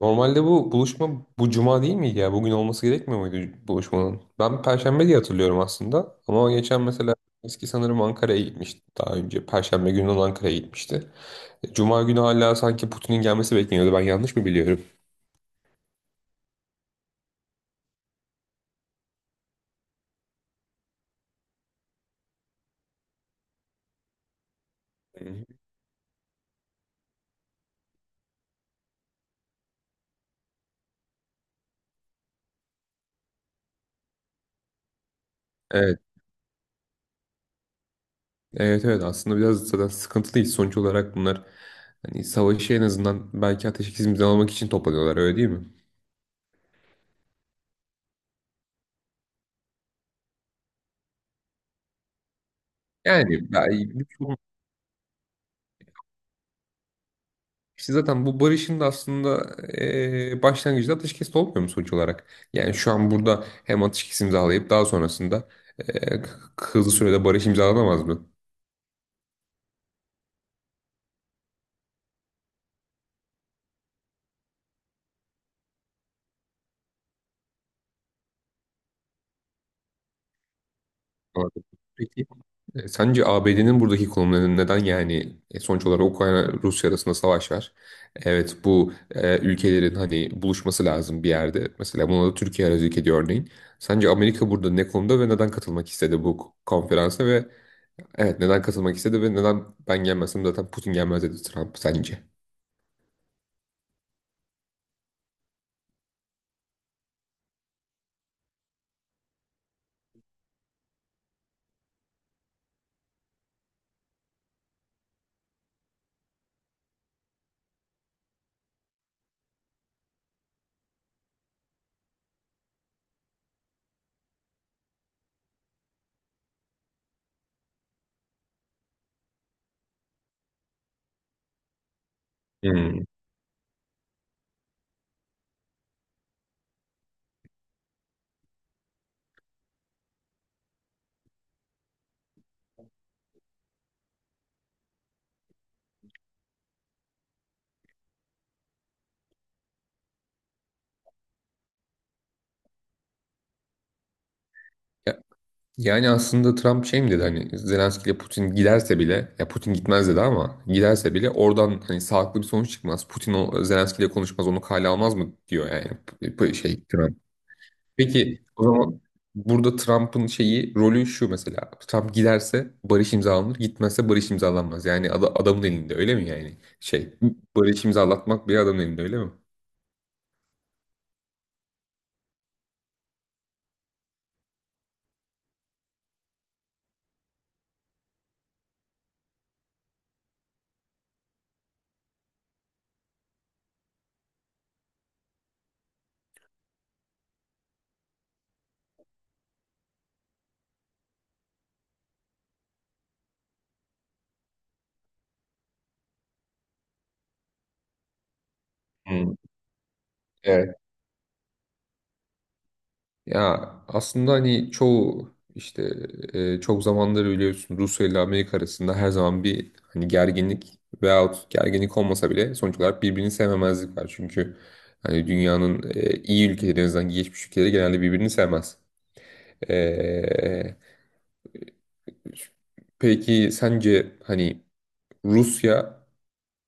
Normalde bu buluşma bu cuma değil miydi ya? Bugün olması gerekmiyor muydu buluşmanın? Ben Perşembe diye hatırlıyorum aslında. Ama geçen mesela eski sanırım Ankara'ya gitmişti daha önce. Perşembe günü olan Ankara'ya gitmişti. Cuma günü hala sanki Putin'in gelmesi bekleniyordu. Ben yanlış mı biliyorum? Hı hı. Evet, evet, evet. Aslında biraz zaten sıkıntılıyız. Sonuç olarak bunlar hani savaşı en azından belki ateşkes imzalamak için toplanıyorlar, öyle değil mi? Yani ben- İşte zaten bu barışın da aslında başlangıcında ateşkes de olmuyor mu sonuç olarak? Yani şu an burada hem ateşkes imzalayıp daha sonrasında eee, hızlı sürede barış imzalanamaz mı? Anladım. Peki, sence ABD'nin buradaki konumu neden? Yani sonuç olarak Ukrayna-Rusya arasında savaş var. Evet, bu ülkelerin hani buluşması lazım bir yerde. Mesela buna da Türkiye aracılık ediyor örneğin. Sence Amerika burada ne konuda ve neden katılmak istedi bu konferansa ve? Evet, neden katılmak istedi ve neden ben gelmezsem zaten Putin gelmez dedi Trump sence? Hmm. Ya- yani aslında Trump şey mi dedi, hani Zelenski ile Putin giderse bile ya Putin gitmez dedi, ama giderse bile oradan hani sağlıklı bir sonuç çıkmaz. Putin o, Zelenski ile konuşmaz, onu kale almaz mı diyor yani? Şey Trump. Peki o zaman burada Trump'ın şeyi rolü şu mesela. Trump giderse barış imzalanır, gitmezse barış imzalanmaz. Yani adamın elinde öyle mi yani? Şey, barış imzalatmak bir adamın elinde öyle mi? Hmm, evet. Ya aslında hani çoğu işte, çok zamandır biliyorsun Rusya ile Amerika arasında her zaman bir hani gerginlik veyahut gerginlik olmasa bile sonuç olarak birbirini sevmemezlik var. Çünkü hani dünyanın iyi ülkeleri, en azından gelişmiş ülkeleri genelde birbirini sevmez. E, Peki sence hani Rusya,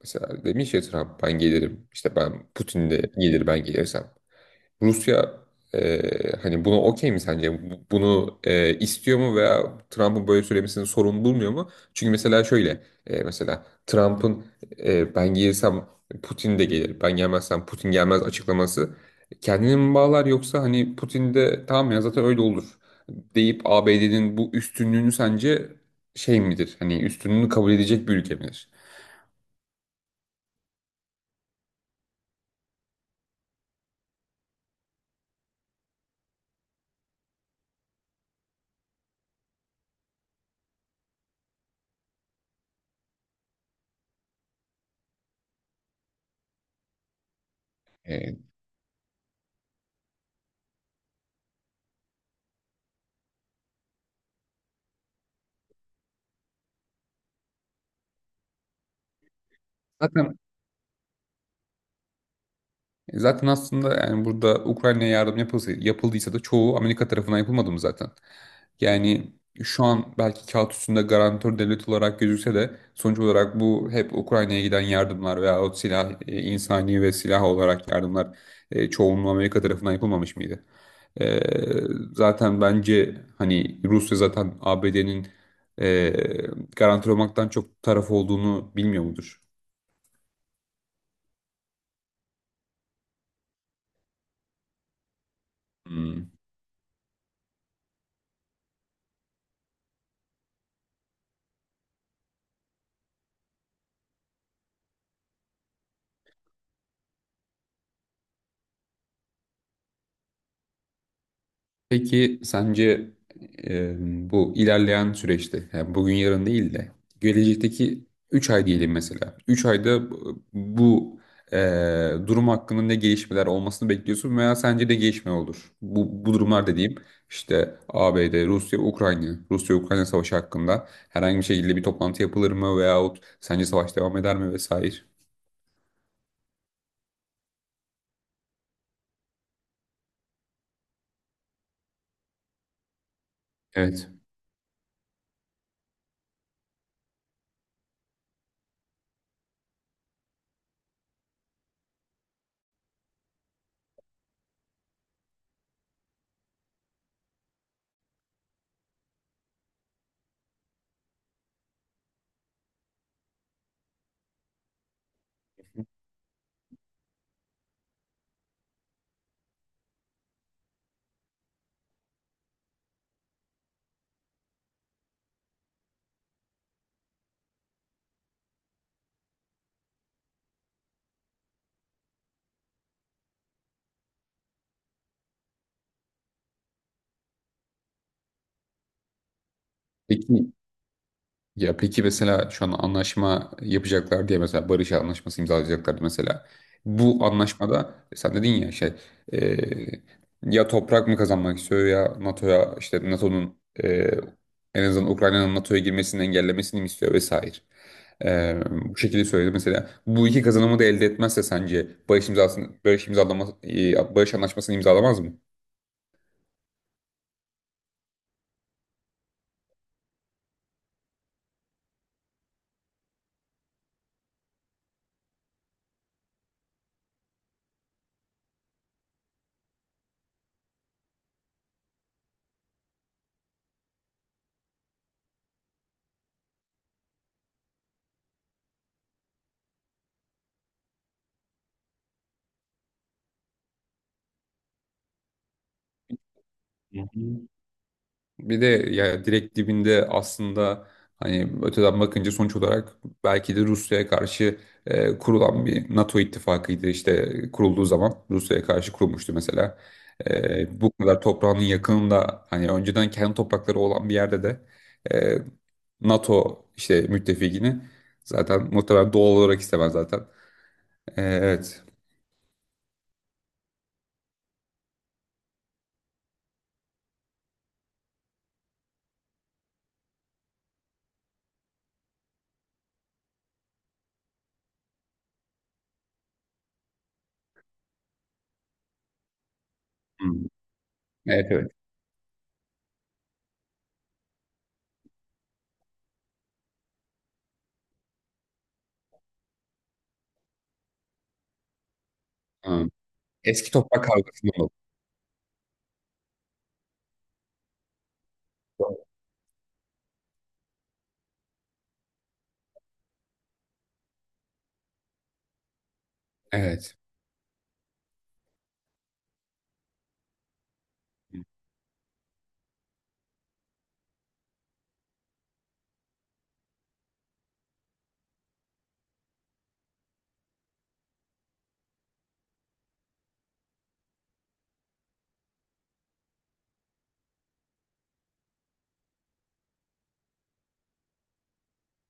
mesela demiş ya Trump, ben gelirim, işte ben, Putin de gelir ben gelirsem. Rusya hani buna okey mi sence? Bunu istiyor mu, veya Trump'ın böyle söylemesini sorun bulmuyor mu? Çünkü mesela şöyle, mesela Trump'ın ben gelirsem Putin de gelir, ben gelmezsem Putin gelmez açıklaması kendini mi bağlar, yoksa hani Putin de tamam ya zaten öyle olur deyip ABD'nin bu üstünlüğünü sence şey midir? Hani üstünlüğünü kabul edecek bir ülke midir? E, zaten Zaten aslında yani burada Ukrayna'ya yardım yapılsa, yapıldıysa da çoğu Amerika tarafından yapılmadı mı zaten? Yani şu an belki kağıt üstünde garantör devlet olarak gözükse de sonuç olarak bu hep Ukrayna'ya giden yardımlar veya o silah, insani ve silah olarak yardımlar, çoğunluğu Amerika tarafından yapılmamış mıydı? E, Zaten bence hani Rusya zaten ABD'nin e, garantör olmaktan çok taraf olduğunu bilmiyor mudur? Hmm. Peki sence e, bu ilerleyen süreçte, yani bugün yarın değil de gelecekteki 3 ay diyelim mesela. 3 ayda durum hakkında ne gelişmeler olmasını bekliyorsun, veya sence de gelişme olur? Bu durumlar dediğim işte ABD, Rusya, Ukrayna, Rusya-Ukrayna savaşı hakkında herhangi bir şekilde bir toplantı yapılır mı, veyahut sence savaş devam eder mi vesaire? Evet. Peki Ya peki mesela şu an anlaşma yapacaklar diye, mesela barış anlaşması imzalayacaklardı mesela. Bu anlaşmada sen dedin ya şey, e, ya toprak mı kazanmak istiyor, ya NATO'ya, işte NATO'nun e, en azından Ukrayna'nın NATO'ya girmesini engellemesini mi istiyor vesaire. Bu şekilde söyledi mesela. Bu iki kazanımı da elde etmezse sence barış imzasını barış imzalama e, barış anlaşmasını imzalamaz mı? Hı hı. Bir de ya direkt dibinde aslında hani öteden bakınca sonuç olarak belki de Rusya'ya karşı kurulan bir NATO ittifakıydı, işte kurulduğu zaman Rusya'ya karşı kurulmuştu mesela. Bu kadar toprağının yakınında, hani önceden kendi toprakları olan bir yerde de e, NATO işte müttefikini zaten muhtemelen doğal olarak istemez zaten. E, evet. Hmm. Evet, evet. Hmm. Eski toprak kavgasından oldu. Evet.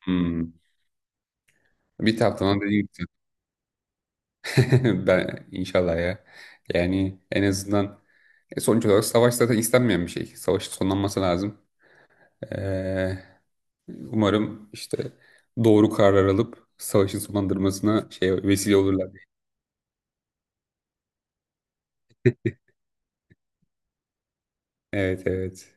Hmm. Bir taraftan da dediğim gibi ben inşallah ya. Yani en azından sonuç olarak savaş zaten istenmeyen bir şey. Savaşın sonlanması lazım. Ee, Umarım işte doğru karar alıp savaşın sonlandırmasına şey vesile olurlar. Evet, evet.